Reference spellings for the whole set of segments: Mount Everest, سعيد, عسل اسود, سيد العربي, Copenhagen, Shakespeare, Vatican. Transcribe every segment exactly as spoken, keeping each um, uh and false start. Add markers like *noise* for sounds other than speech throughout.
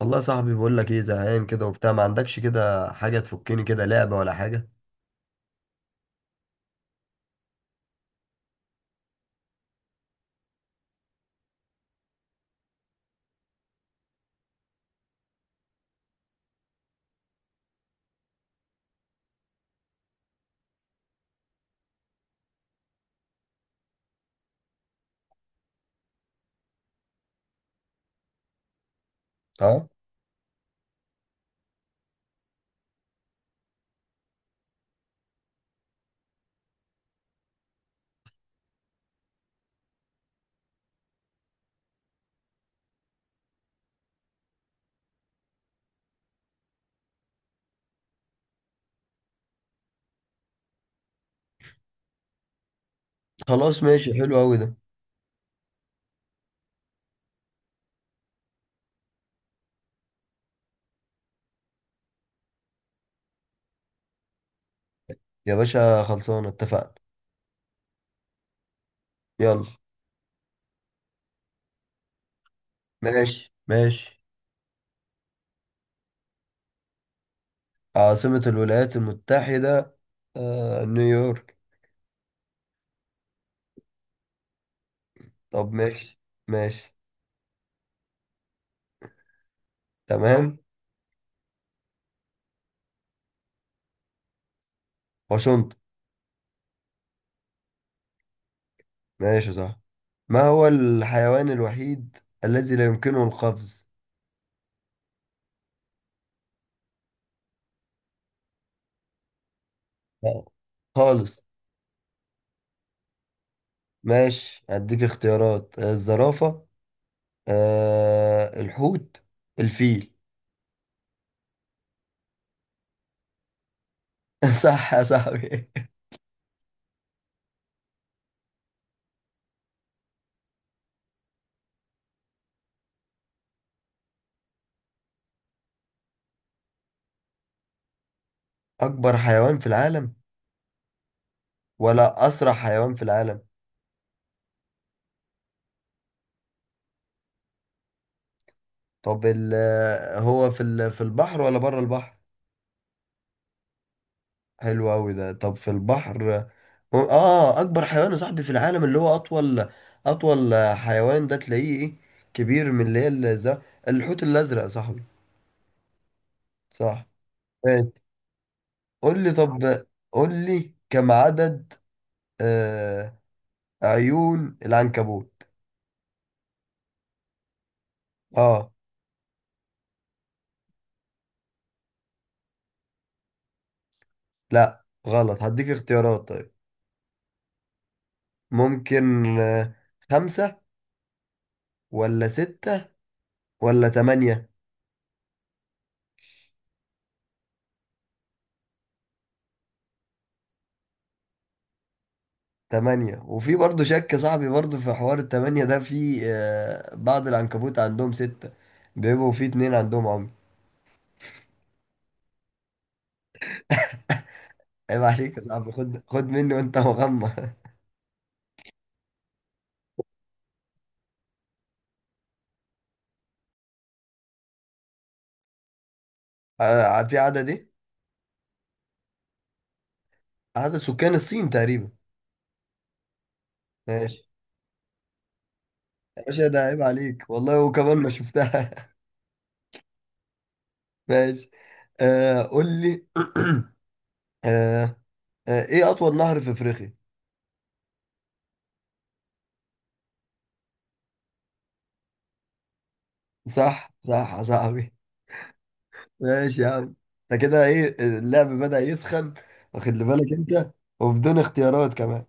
والله يا صاحبي بقول لك ايه زهقان كده وبتاع ما عندكش كده حاجه تفكني كده لعبه ولا حاجه؟ اه. خلاص ماشي حلو قوي ده. يا باشا خلصانه اتفقنا. يلا. ماشي ماشي. عاصمه الولايات المتحده. آه نيويورك. طب ماشي. ماشي. تمام. واشنطن. ماشي صح. ما هو الحيوان الوحيد الذي لا يمكنه القفز؟ لا، خالص. ماشي هديك اختيارات، آه، الزرافه. آه الحوت. الفيل. *laughs* صح يا صاحبي. أكبر حيوان في العالم ولا أسرع حيوان في العالم؟ طب. ال هو في ال في البحر ولا بره البحر؟ حلو أوي ده. طب في البحر. هو- آه أكبر حيوان يا صاحبي في العالم اللي هو أطول أطول حيوان ده تلاقيه إيه؟ كبير من اللي هي ال- ز- الحوت الأزرق يا صاحبي. صح. ماشي. قول لي طب. قول لي كم عدد آه عيون العنكبوت؟ آه. لا غلط، هديك اختيارات طيب. ممكن آه، خمسة ولا ستة ولا تمانية. تمانية. وفي برضه شك صاحبي برضه في حوار التمانية ده، في آه، بعض العنكبوت عندهم ستة. بيبقوا في اتنين عندهم عمي. عيب عليك يا صاحبي، خد خد مني وانت مغمى. *laughs* آه، في عدد ايه؟ عدد سكان الصين تقريبا. ماشي يا باشا، ده عيب عليك والله، وكمان ما شفتها. *laughs* ماشي. آه قول لي. *clears throat* آه آه ايه أطول نهر في أفريقيا؟ صح صح يا صاحبي. ماشي يا عم. انت كده ايه اللعب بدأ يسخن، واخد لي بالك انت. وبدون اختيارات كمان.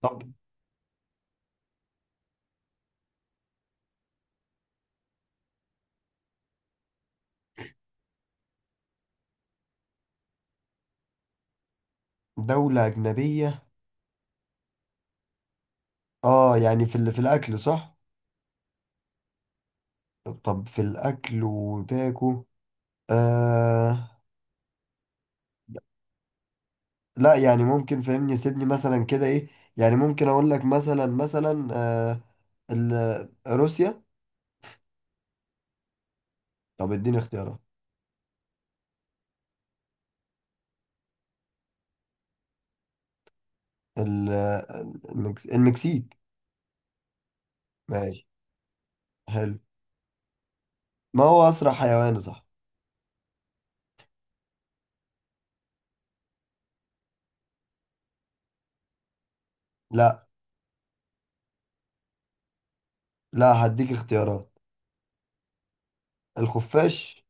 طب. دولة أجنبية. اه، يعني في ال- في الأكل صح؟ طب في الأكل وتاكو. آه. لا، يعني ممكن فهمني سيبني مثلا كده ايه. يعني ممكن أقول لك مثلا مثلا آه ال- روسيا. طب اديني اختيارات. ال- المكس... المكسيك. ماشي. حلو. ما هو أسرع حيوان صح؟ لا. لا هديك اختيارات. الخفاش.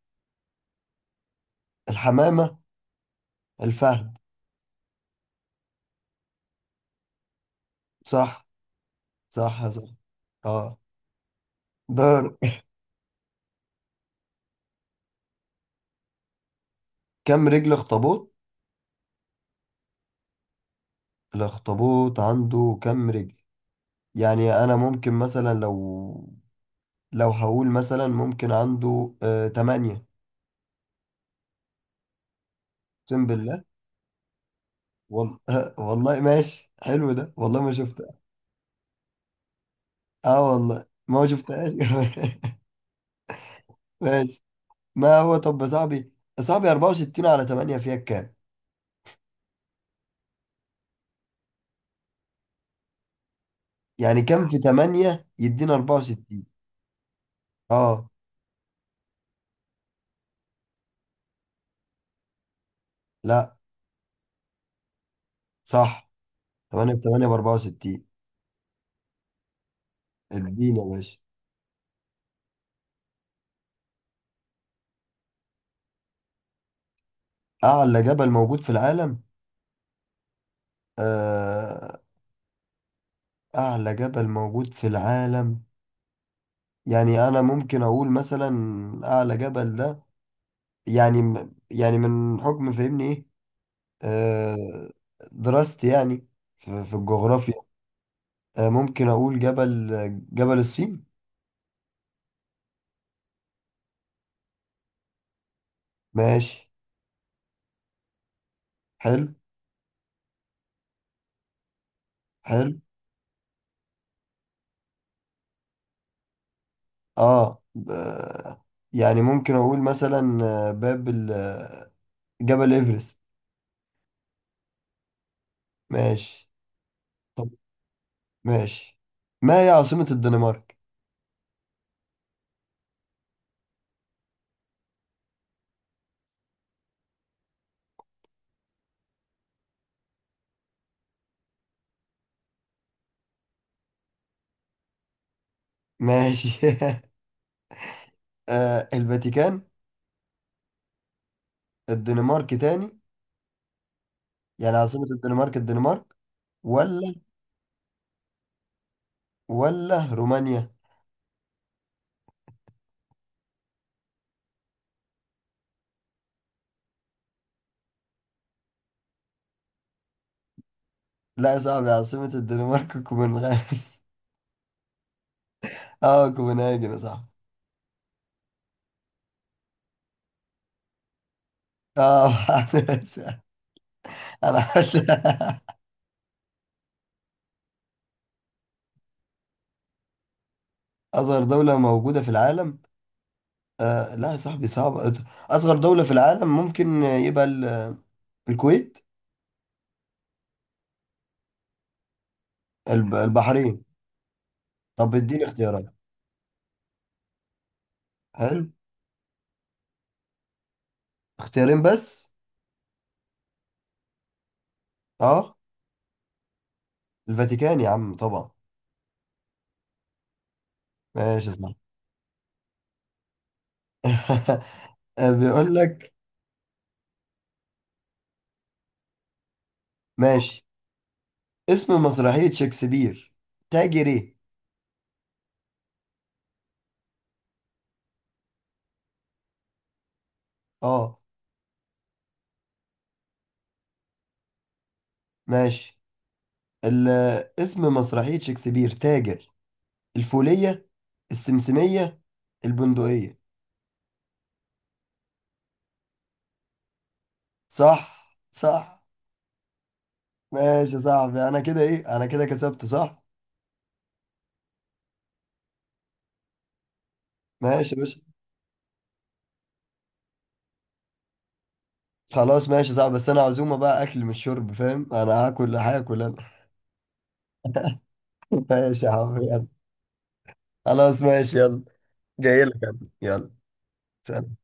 الحمامة. الفهد. صح. صح صح. اه. دار. كم رجل اخطبوط؟ الاخطبوط عنده كم رجل؟ يعني انا ممكن مثلا لو، لو هقول مثلا ممكن عنده آه تمانية. اقسم بالله. والله. *laughs* والله ماشي حلو ده، والله ما شفتها. اه والله ما شفتهاش. *laughs* ماشي. ما هو طب يا صاحبي، يا صاحبي أربعة وستين على تمانية فيها كام؟ يعني كام في تمانية يدينا أربعة وستين. اه. لا. صح. تمانية ب تمانية ب أربعة وستين. اديني يا باشا. اعلى جبل موجود في العالم؟ آه. اعلى جبل موجود في العالم، يعني انا ممكن اقول مثلا اعلى جبل ده، يعني م- يعني من حكم فهمني ايه، آه، دراستي يعني في في الجغرافيا. آه، ممكن اقول جبل جبل الصين. ماشي. حلو. حلو. اه ب- يعني ممكن اقول مثلا آه، باب ال- آه، جبل ايفرست. ماشي. طب. ماشي. ما هي عاصمة الدنمارك؟ ماشي. *laughs* آه الفاتيكان. الدنمارك تاني، يعني عاصمة الدنمارك الدنمارك ولا. ولا رومانيا؟ لا يا صاحبي، عاصمة الدنمارك كوبنهاجن. *laughs* اه كوبنهاجن يا صاحبي. اه. *laughs* انا حاسس- اصغر دولة موجودة في العالم؟ آه لا يا صاحبي صعب. اصغر دولة في العالم ممكن يبقى ال- الكويت. الب- البحرين. طب اديني اختيارات. حلو. اختيارين بس. اه. الفاتيكان يا عم طبعا. ماشي يا صاحبي. *laughs* بيقول لك. ماشي. اسم مسرحية شكسبير تاجر ايه؟ اه. ماشي. ال- اسم مسرحية شكسبير تاجر. الفولية. السمسمية. البندقية. صح صح. ماشي يا صاحبي، انا كده ايه انا كده كسبت صح؟ ماشي يا باشا. خلاص ماشي يا صاحبي، بس انا عزومة بقى اكل مش شرب، فاهم؟ انا هاكل هاكل انا. *laughs* ماشي يا حبيبي يلا. خلاص ماشي يلا. جاي لك. يلا. سلام.